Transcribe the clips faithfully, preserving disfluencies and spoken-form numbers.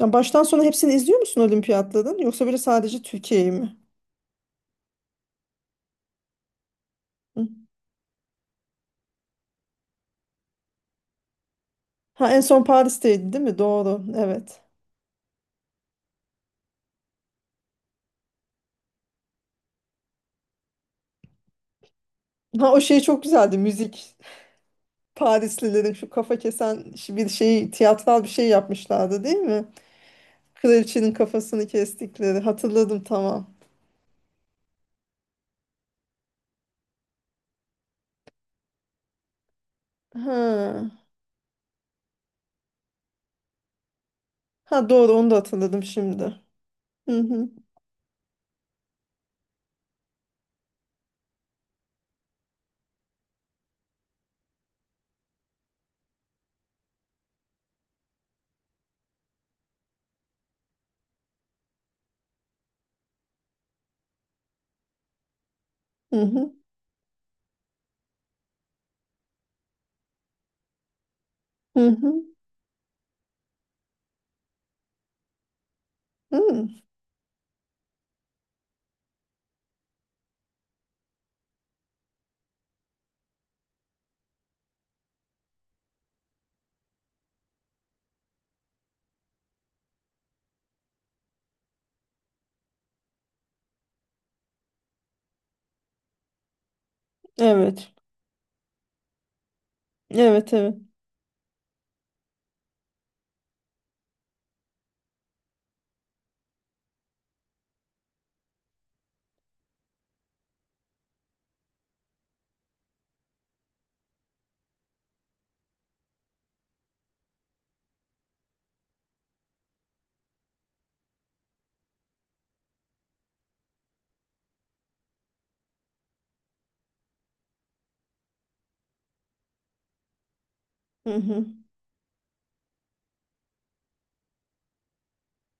Ya baştan sona hepsini izliyor musun olimpiyatların? Yoksa böyle sadece Türkiye'yi mi? Hı. Ha en son Paris'teydi değil mi? Doğru. Evet. Ha o şey çok güzeldi müzik. Parislilerin şu kafa kesen şi- bir şey tiyatral bir şey yapmışlardı değil mi? Kraliçenin kafasını kestikleri. Hatırladım, tamam. Ha. Ha, doğru, onu da hatırladım şimdi. Hı hı. Hı hı. Hı hı. Hı. Evet. Evet, evet. Hı hı.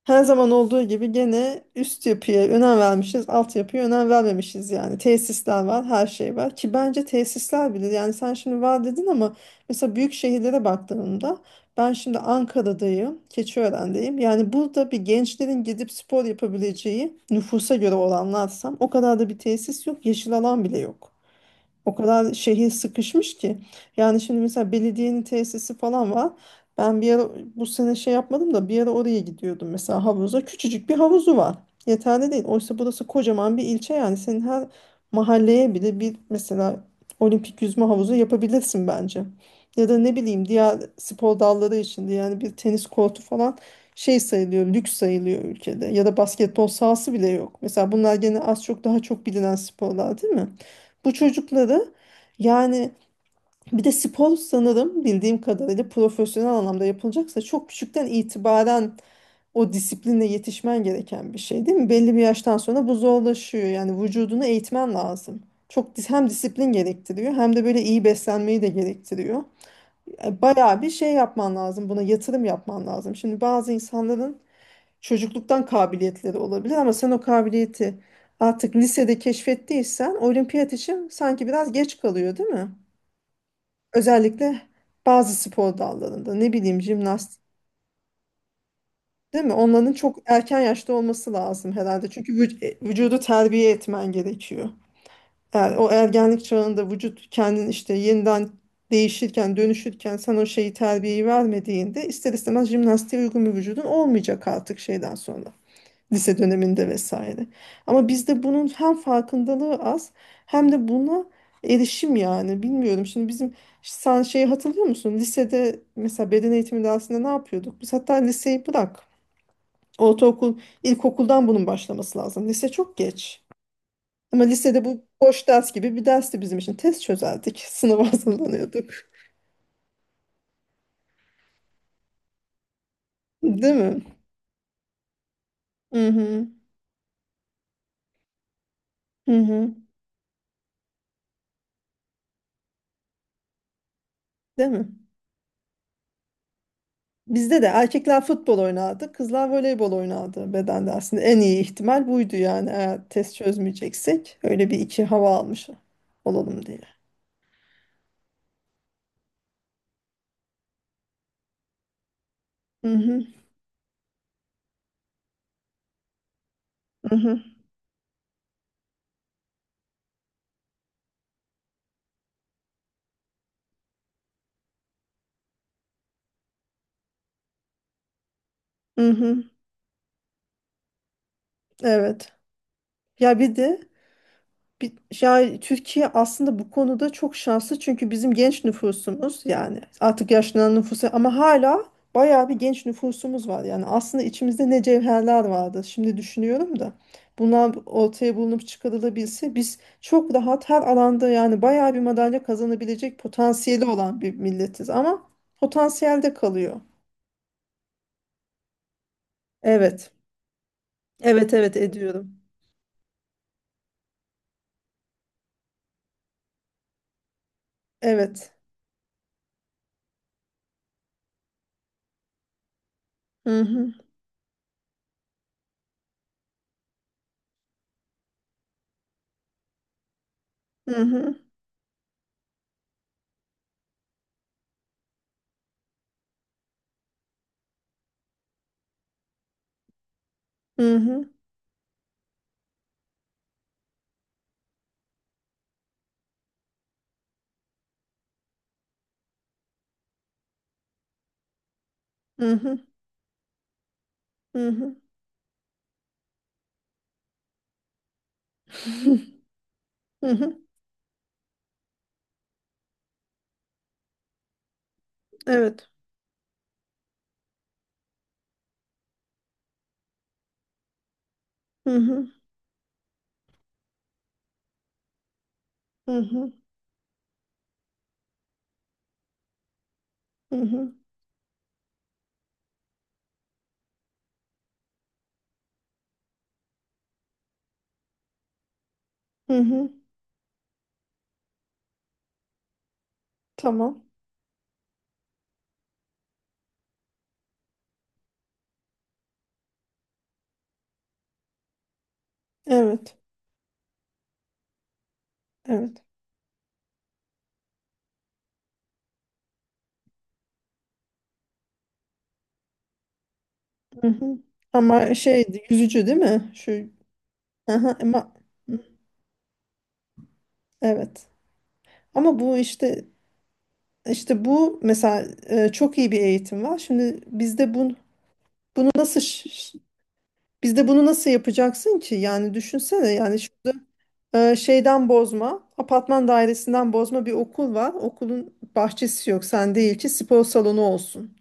Her zaman olduğu gibi gene üst yapıya önem vermişiz, alt yapıya önem vermemişiz yani. Tesisler var, her şey var ki bence tesisler bile, yani sen şimdi var dedin ama mesela büyük şehirlere baktığımda ben şimdi Ankara'dayım, Keçiören'deyim. Yani burada bir gençlerin gidip spor yapabileceği, nüfusa göre oranlarsam, o kadar da bir tesis yok, yeşil alan bile yok. O kadar şehir sıkışmış ki. Yani şimdi mesela belediyenin tesisi falan var. Ben bir ara, bu sene şey yapmadım da, bir ara oraya gidiyordum mesela, havuza. Küçücük bir havuzu var. Yeterli değil. Oysa burası kocaman bir ilçe, yani senin her mahalleye bile bir mesela olimpik yüzme havuzu yapabilirsin bence. Ya da ne bileyim, diğer spor dalları içinde yani bir tenis kortu falan şey sayılıyor, lüks sayılıyor ülkede. Ya da basketbol sahası bile yok. Mesela bunlar gene az çok daha çok bilinen sporlar değil mi? Bu çocukları yani, bir de spor sanırım bildiğim kadarıyla profesyonel anlamda yapılacaksa çok küçükten itibaren o disipline yetişmen gereken bir şey değil mi? Belli bir yaştan sonra bu zorlaşıyor. Yani vücudunu eğitmen lazım. Çok dis- hem disiplin gerektiriyor hem de böyle iyi beslenmeyi de gerektiriyor. E, Bayağı bir şey yapman lazım. Buna yatırım yapman lazım. Şimdi bazı insanların çocukluktan kabiliyetleri olabilir ama sen o kabiliyeti artık lisede keşfettiysen olimpiyat için sanki biraz geç kalıyor değil mi? Özellikle bazı spor dallarında, ne bileyim, jimnastik, değil mi? Onların çok erken yaşta olması lazım herhalde. Çünkü vüc- e, vücudu terbiye etmen gerekiyor. Er, o ergenlik çağında vücut kendini işte yeniden değişirken, dönüşürken, sen o şeyi, terbiyeyi vermediğinde ister istemez jimnastiğe uygun bir vücudun olmayacak artık şeyden sonra, lise döneminde vesaire. Ama bizde bunun hem farkındalığı az hem de buna erişim, yani bilmiyorum. Şimdi bizim, sen şeyi hatırlıyor musun? Lisede mesela beden eğitimi dersinde ne yapıyorduk? Biz, hatta liseyi bırak. Ortaokul, ilkokuldan bunun başlaması lazım. Lise çok geç. Ama lisede bu boş ders gibi bir dersti bizim için. Test çözerdik. Sınava hazırlanıyorduk. Değil mi? Hı hı. Hı hı. Değil mi? Bizde de erkekler futbol oynardı, kızlar voleybol oynardı bedende aslında. En iyi ihtimal buydu yani, eğer test çözmeyeceksek. Öyle bir iki hava almış olalım diye. Hı hı, hı hı, hı hı. Evet. Ya bir de, bir, ya Türkiye aslında bu konuda çok şanslı çünkü bizim genç nüfusumuz, yani artık yaşlanan nüfusu ama hala bayağı bir genç nüfusumuz var. Yani aslında içimizde ne cevherler vardı, şimdi düşünüyorum da bunlar ortaya bulunup çıkarılabilse biz çok rahat her alanda yani bayağı bir madalya kazanabilecek potansiyeli olan bir milletiz ama potansiyelde kalıyor. Evet. Evet, evet, ediyorum. Evet. Hı hı. Hı hı. Hı hı. Hı hı. Hı hı. Hı hı. Evet. Hı hı. Hı hı. Hı hı. Hı hı. Tamam. Evet. Evet. Hı hı. Ama şeydi, yüzücü değil mi? Şu, aha, ama evet. Ama bu işte, işte bu mesela, e, çok iyi bir eğitim var. Şimdi bizde bunu, bunu nasıl ş- ş- bizde bunu nasıl yapacaksın ki? Yani düşünsene, yani şu- e, şeyden bozma, apartman dairesinden bozma bir okul var. Okulun bahçesi yok. Sen değil ki spor salonu olsun.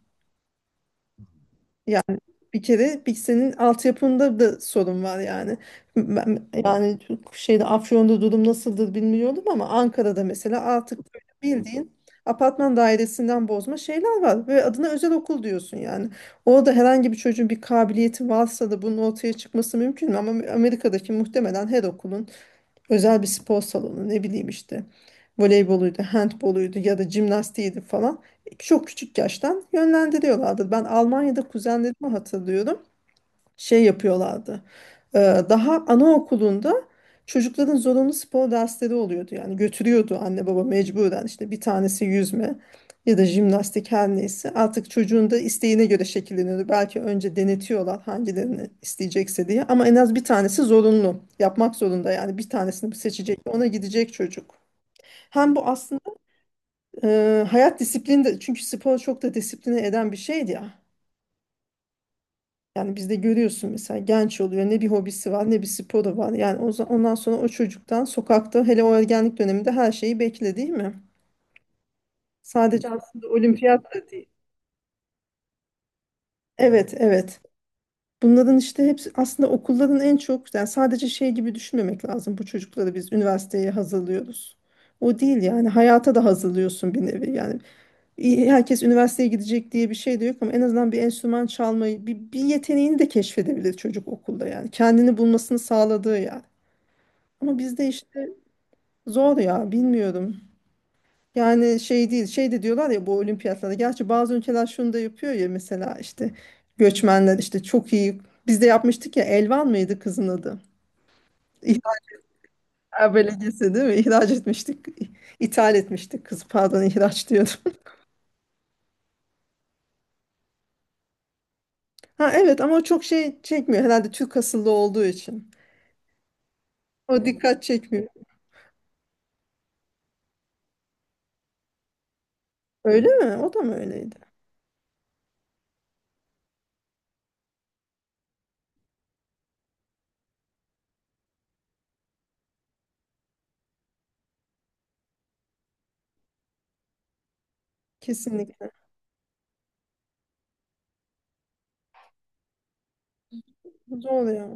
Bir kere bir senin altyapında da sorun var yani. Ben, yani şeyde Afyon'da durum nasıldır bilmiyorum ama Ankara'da mesela artık böyle bildiğin apartman dairesinden bozma şeyler var ve adına özel okul diyorsun yani. Orada herhangi bir çocuğun bir kabiliyeti varsa da bunun ortaya çıkması mümkün mü? Ama Amerika'daki muhtemelen her okulun özel bir spor salonu, ne bileyim işte, voleyboluydu, handboluydu ya da jimnastiğiydi falan. Çok küçük yaştan yönlendiriyorlardı. Ben Almanya'da kuzenlerimi hatırlıyorum, şey yapıyorlardı. Ee, Daha anaokulunda çocukların zorunlu spor dersleri oluyordu. Yani götürüyordu anne baba mecburen, işte bir tanesi yüzme ya da jimnastik, her neyse. Artık çocuğun da isteğine göre şekilleniyordu. Belki önce denetiyorlar hangilerini isteyecekse diye, ama en az bir tanesi zorunlu. Yapmak zorunda, yani bir tanesini seçecek, ona gidecek çocuk. Hem bu aslında e, hayat disiplini de, çünkü spor çok da disipline eden bir şeydi ya. Yani bizde görüyorsun mesela, genç oluyor, ne bir hobisi var ne bir sporu var. Yani o, za- ondan sonra o çocuktan sokakta, hele o ergenlik döneminde, her şeyi bekle değil mi? Sadece aslında olimpiyat da değil. Evet, evet. Bunların işte hepsi aslında okulların, en çok yani sadece şey gibi düşünmemek lazım: bu çocukları biz üniversiteye hazırlıyoruz. O değil yani, hayata da hazırlıyorsun bir nevi yani. İyi, herkes üniversiteye gidecek diye bir şey de yok ama en azından bir enstrüman çalmayı, bir, bir yeteneğini de keşfedebilir çocuk okulda yani. Kendini bulmasını sağladığı yani. Ama bizde işte zor ya, bilmiyorum. Yani şey değil, şey de diyorlar ya bu olimpiyatlarda. Gerçi bazı ülkeler şunu da yapıyor ya mesela, işte göçmenler işte çok iyi. Biz de yapmıştık ya, Elvan mıydı kızın adı? İhraç Belediyesi değil mi? İhraç etmiştik. İthal etmiştik kızı, pardon, ihraç diyordum. Ha evet, ama o çok şey çekmiyor herhalde, Türk asıllı olduğu için. O dikkat çekmiyor. Öyle mi? O da mı öyleydi? Kesinlikle. Zor ya.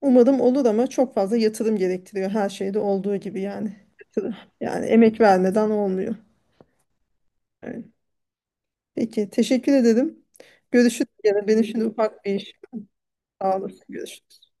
Umarım olur ama çok fazla yatırım gerektiriyor, her şeyde olduğu gibi yani. Yatırım. Yani emek vermeden olmuyor. Evet. Peki, teşekkür ederim. Görüşürüz. Yine benim şimdi ufak bir işim var. Sağ olasın. Görüşürüz.